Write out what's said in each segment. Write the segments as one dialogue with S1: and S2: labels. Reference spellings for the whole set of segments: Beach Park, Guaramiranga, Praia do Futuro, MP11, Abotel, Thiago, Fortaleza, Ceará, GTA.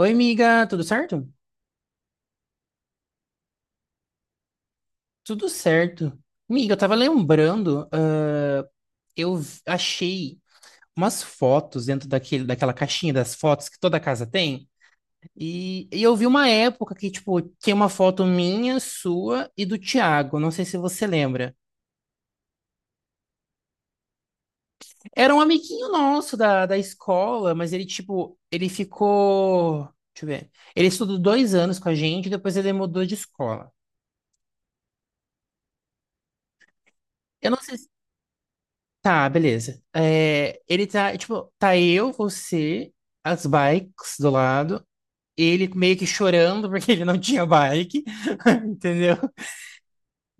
S1: Oi, amiga, tudo certo? Tudo certo. Amiga, eu tava lembrando, achei umas fotos dentro daquela caixinha das fotos que toda casa tem, e eu vi uma época que, tipo, tinha uma foto minha, sua e do Thiago, não sei se você lembra. Era um amiguinho nosso da escola, mas ele, tipo, ele ficou. Deixa eu ver. Ele estudou 2 anos com a gente, depois ele mudou de escola. Eu não sei. Tá, beleza. É, ele tá, tipo, tá eu, você, as bikes do lado, ele meio que chorando porque ele não tinha bike, entendeu?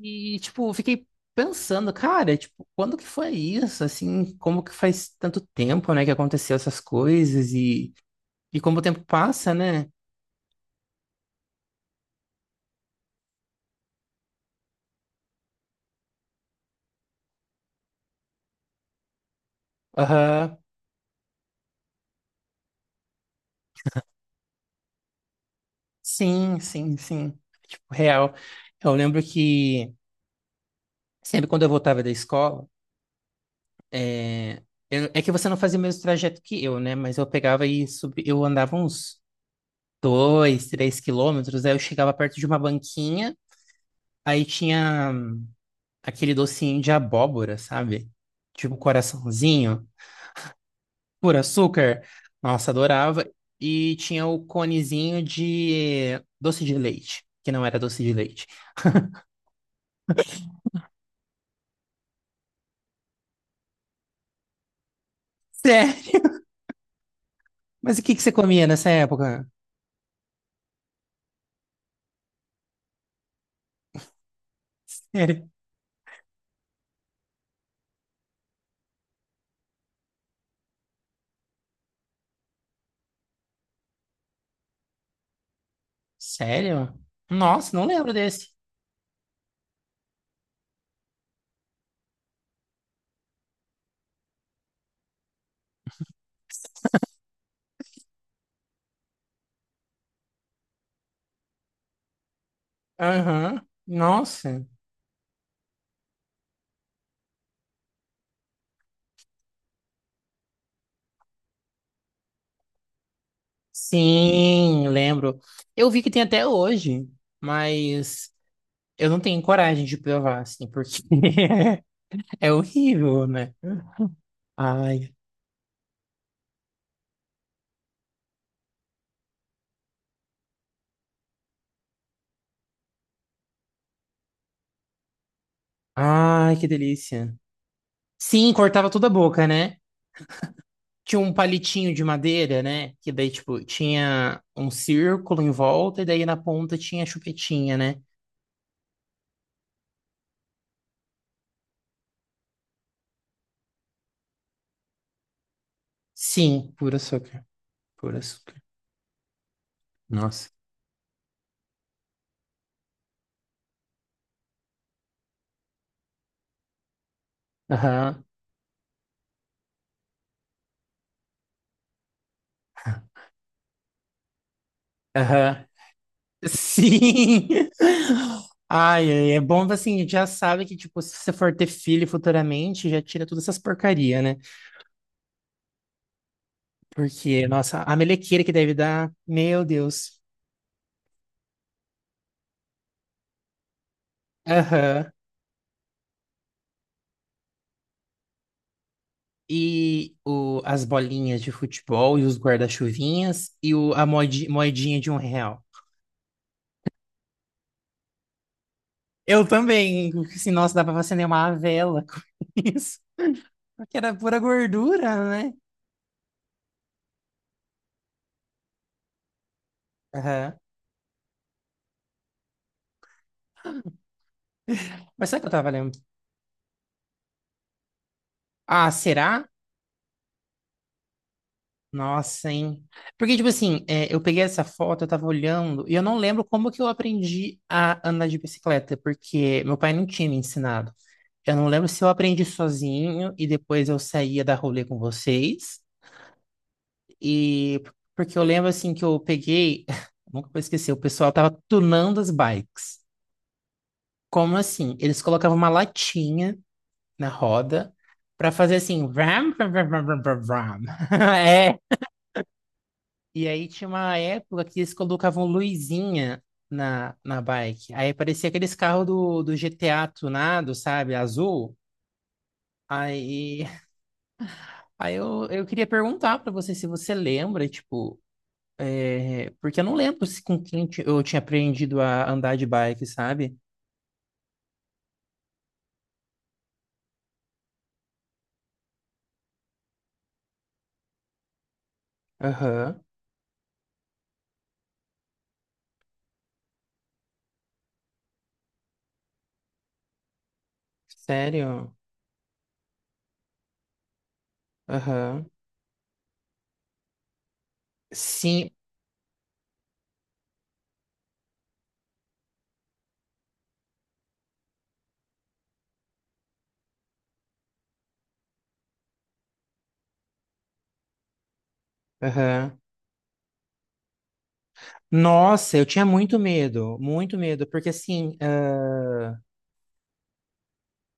S1: E, tipo, fiquei pensando, cara, tipo, quando que foi isso? Assim, como que faz tanto tempo, né, que aconteceu essas coisas e como o tempo passa, né? Aham, sim, sim, sim. Tipo, real. Eu lembro que sempre quando eu voltava da escola, é, é que você não fazia o mesmo trajeto que eu, né? Mas eu pegava e subi, eu andava uns 2, 3 quilômetros, aí eu chegava perto de uma banquinha, aí tinha aquele docinho de abóbora, sabe? Tipo coraçãozinho, por açúcar. Nossa, adorava. E tinha o conezinho de doce de leite, que não era doce de leite. Sério? Mas o que que você comia nessa época? Sério? Sério? Nossa, não lembro desse. Aham. Nossa. Sim, lembro. Eu vi que tem até hoje, mas eu não tenho coragem de provar, assim, porque é horrível, né? Ai, ai, que delícia. Sim, cortava toda a boca, né? Tinha um palitinho de madeira, né? Que daí, tipo, tinha um círculo em volta e daí na ponta tinha a chupetinha, né? Sim, puro açúcar, puro açúcar. Nossa. Aham, aham. Sim! Ai, ai, é bom assim, a gente já sabe que, tipo, se você for ter filho futuramente, já tira todas essas porcaria, né? Porque, nossa, a melequeira que deve dar, meu Deus. Aham. E as bolinhas de futebol e os guarda-chuvinhas e a moedinha de 1 real. Eu também, assim, nossa, dá pra você uma vela com isso. Porque era pura gordura, né? Aham. Mas sabe o que eu tava lembrando? Ah, será? Nossa, hein? Porque, tipo assim, é, eu peguei essa foto, eu tava olhando, e eu não lembro como que eu aprendi a andar de bicicleta, porque meu pai não tinha me ensinado. Eu não lembro se eu aprendi sozinho e depois eu saía da rolê com vocês. E porque eu lembro assim que eu peguei, nunca vou esquecer, o pessoal tava tunando as bikes. Como assim? Eles colocavam uma latinha na roda pra fazer assim, vram, vram, vram, vram, vram, vram. É. E aí tinha uma época que eles colocavam luzinha na bike. Aí parecia aqueles carros do GTA tunado, sabe? Azul. Aí, aí, eu queria perguntar pra você se você lembra, tipo, é, porque eu não lembro se com quem eu tinha aprendido a andar de bike, sabe? Aham. Sério? Aham. Sim. Aham. Nossa, eu tinha muito medo, porque assim.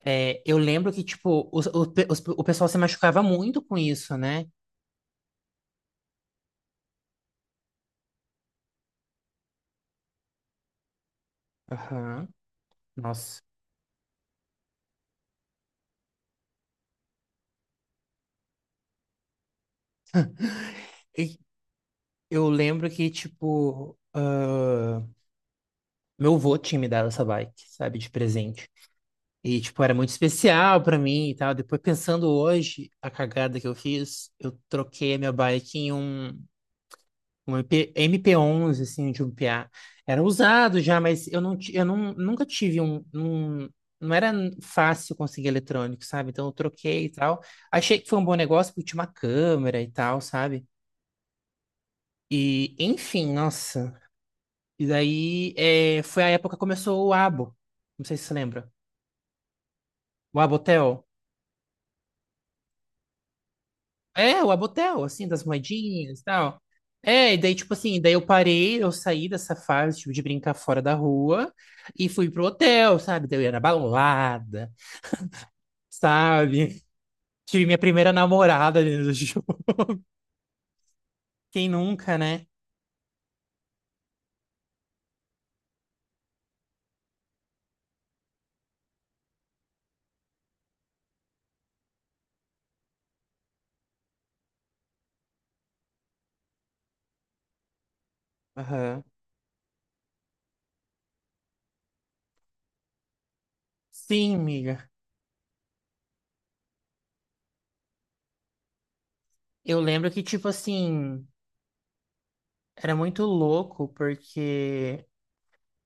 S1: É, eu lembro que, tipo, os- o, pe- os- o pessoal se machucava muito com isso, né? Aham. Nossa. E eu lembro que, tipo, meu avô tinha me dado essa bike, sabe, de presente. E, tipo, era muito especial pra mim e tal. Depois, pensando hoje, a cagada que eu fiz, eu troquei a minha bike em um. Um MP, MP11, assim, de um p a Era usado já, mas eu, não, eu não, nunca tive um. Não era fácil conseguir eletrônico, sabe? Então eu troquei e tal. Achei que foi um bom negócio porque tinha uma câmera e tal, sabe? E, enfim, nossa. E daí foi a época que começou o Abo. Não sei se você lembra. O Abotel. É, o Abotel, assim, das moedinhas e tal. É, e daí, tipo assim, daí eu parei, eu saí dessa fase, tipo, de brincar fora da rua e fui pro hotel, sabe? Daí eu ia na balada, sabe? Tive minha primeira namorada dentro do jogo. Quem nunca, né? Aham. Sim, amiga. Eu lembro que, tipo assim, era muito louco, porque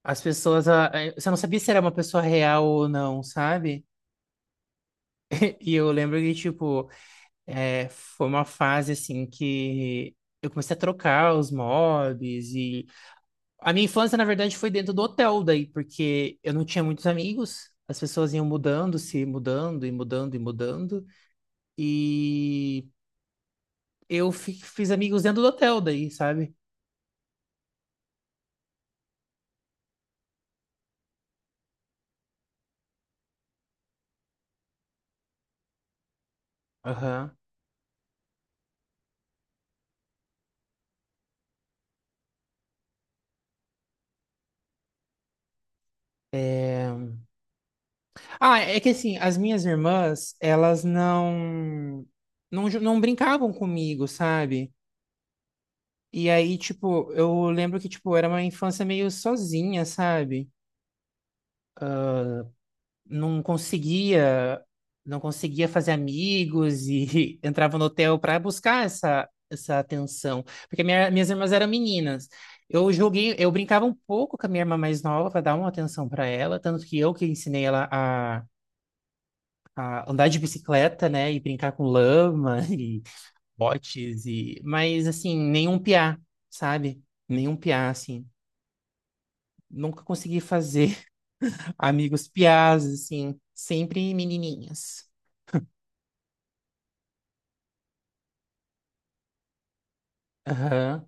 S1: as pessoas. Você não sabia se era uma pessoa real ou não, sabe? E eu lembro que, tipo. É, foi uma fase assim que eu comecei a trocar os mobs e a minha infância na verdade foi dentro do hotel daí, porque eu não tinha muitos amigos, as pessoas iam mudando, se mudando e mudando e mudando e eu fiz amigos dentro do hotel daí, sabe? Aham. Ah, é que assim, as minhas irmãs, elas não brincavam comigo, sabe? E aí, tipo, eu lembro que, tipo, era uma infância meio sozinha, sabe? não conseguia, não conseguia fazer amigos e entrava no hotel para buscar essa atenção, porque minhas irmãs eram meninas. Eu joguei, eu brincava um pouco com a minha irmã mais nova para dar uma atenção para ela, tanto que eu que ensinei ela a andar de bicicleta, né, e brincar com lama e botes e, mas assim, nenhum piá, sabe? Nenhum piá assim. Nunca consegui fazer amigos piás assim, sempre menininhas. Aham.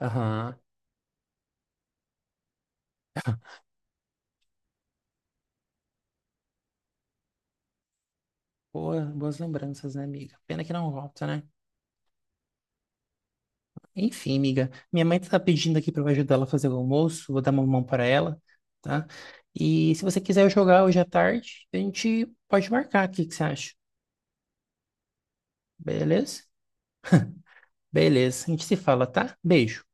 S1: Aham. Boas lembranças, né, amiga? Pena que não volta, né? Enfim, amiga, minha mãe tá pedindo aqui pra eu ajudar ela a fazer o almoço, vou dar uma mão para ela, tá? E se você quiser jogar hoje à tarde, a gente pode marcar aqui, o que você acha? Beleza? Beleza, a gente se fala, tá? Beijo.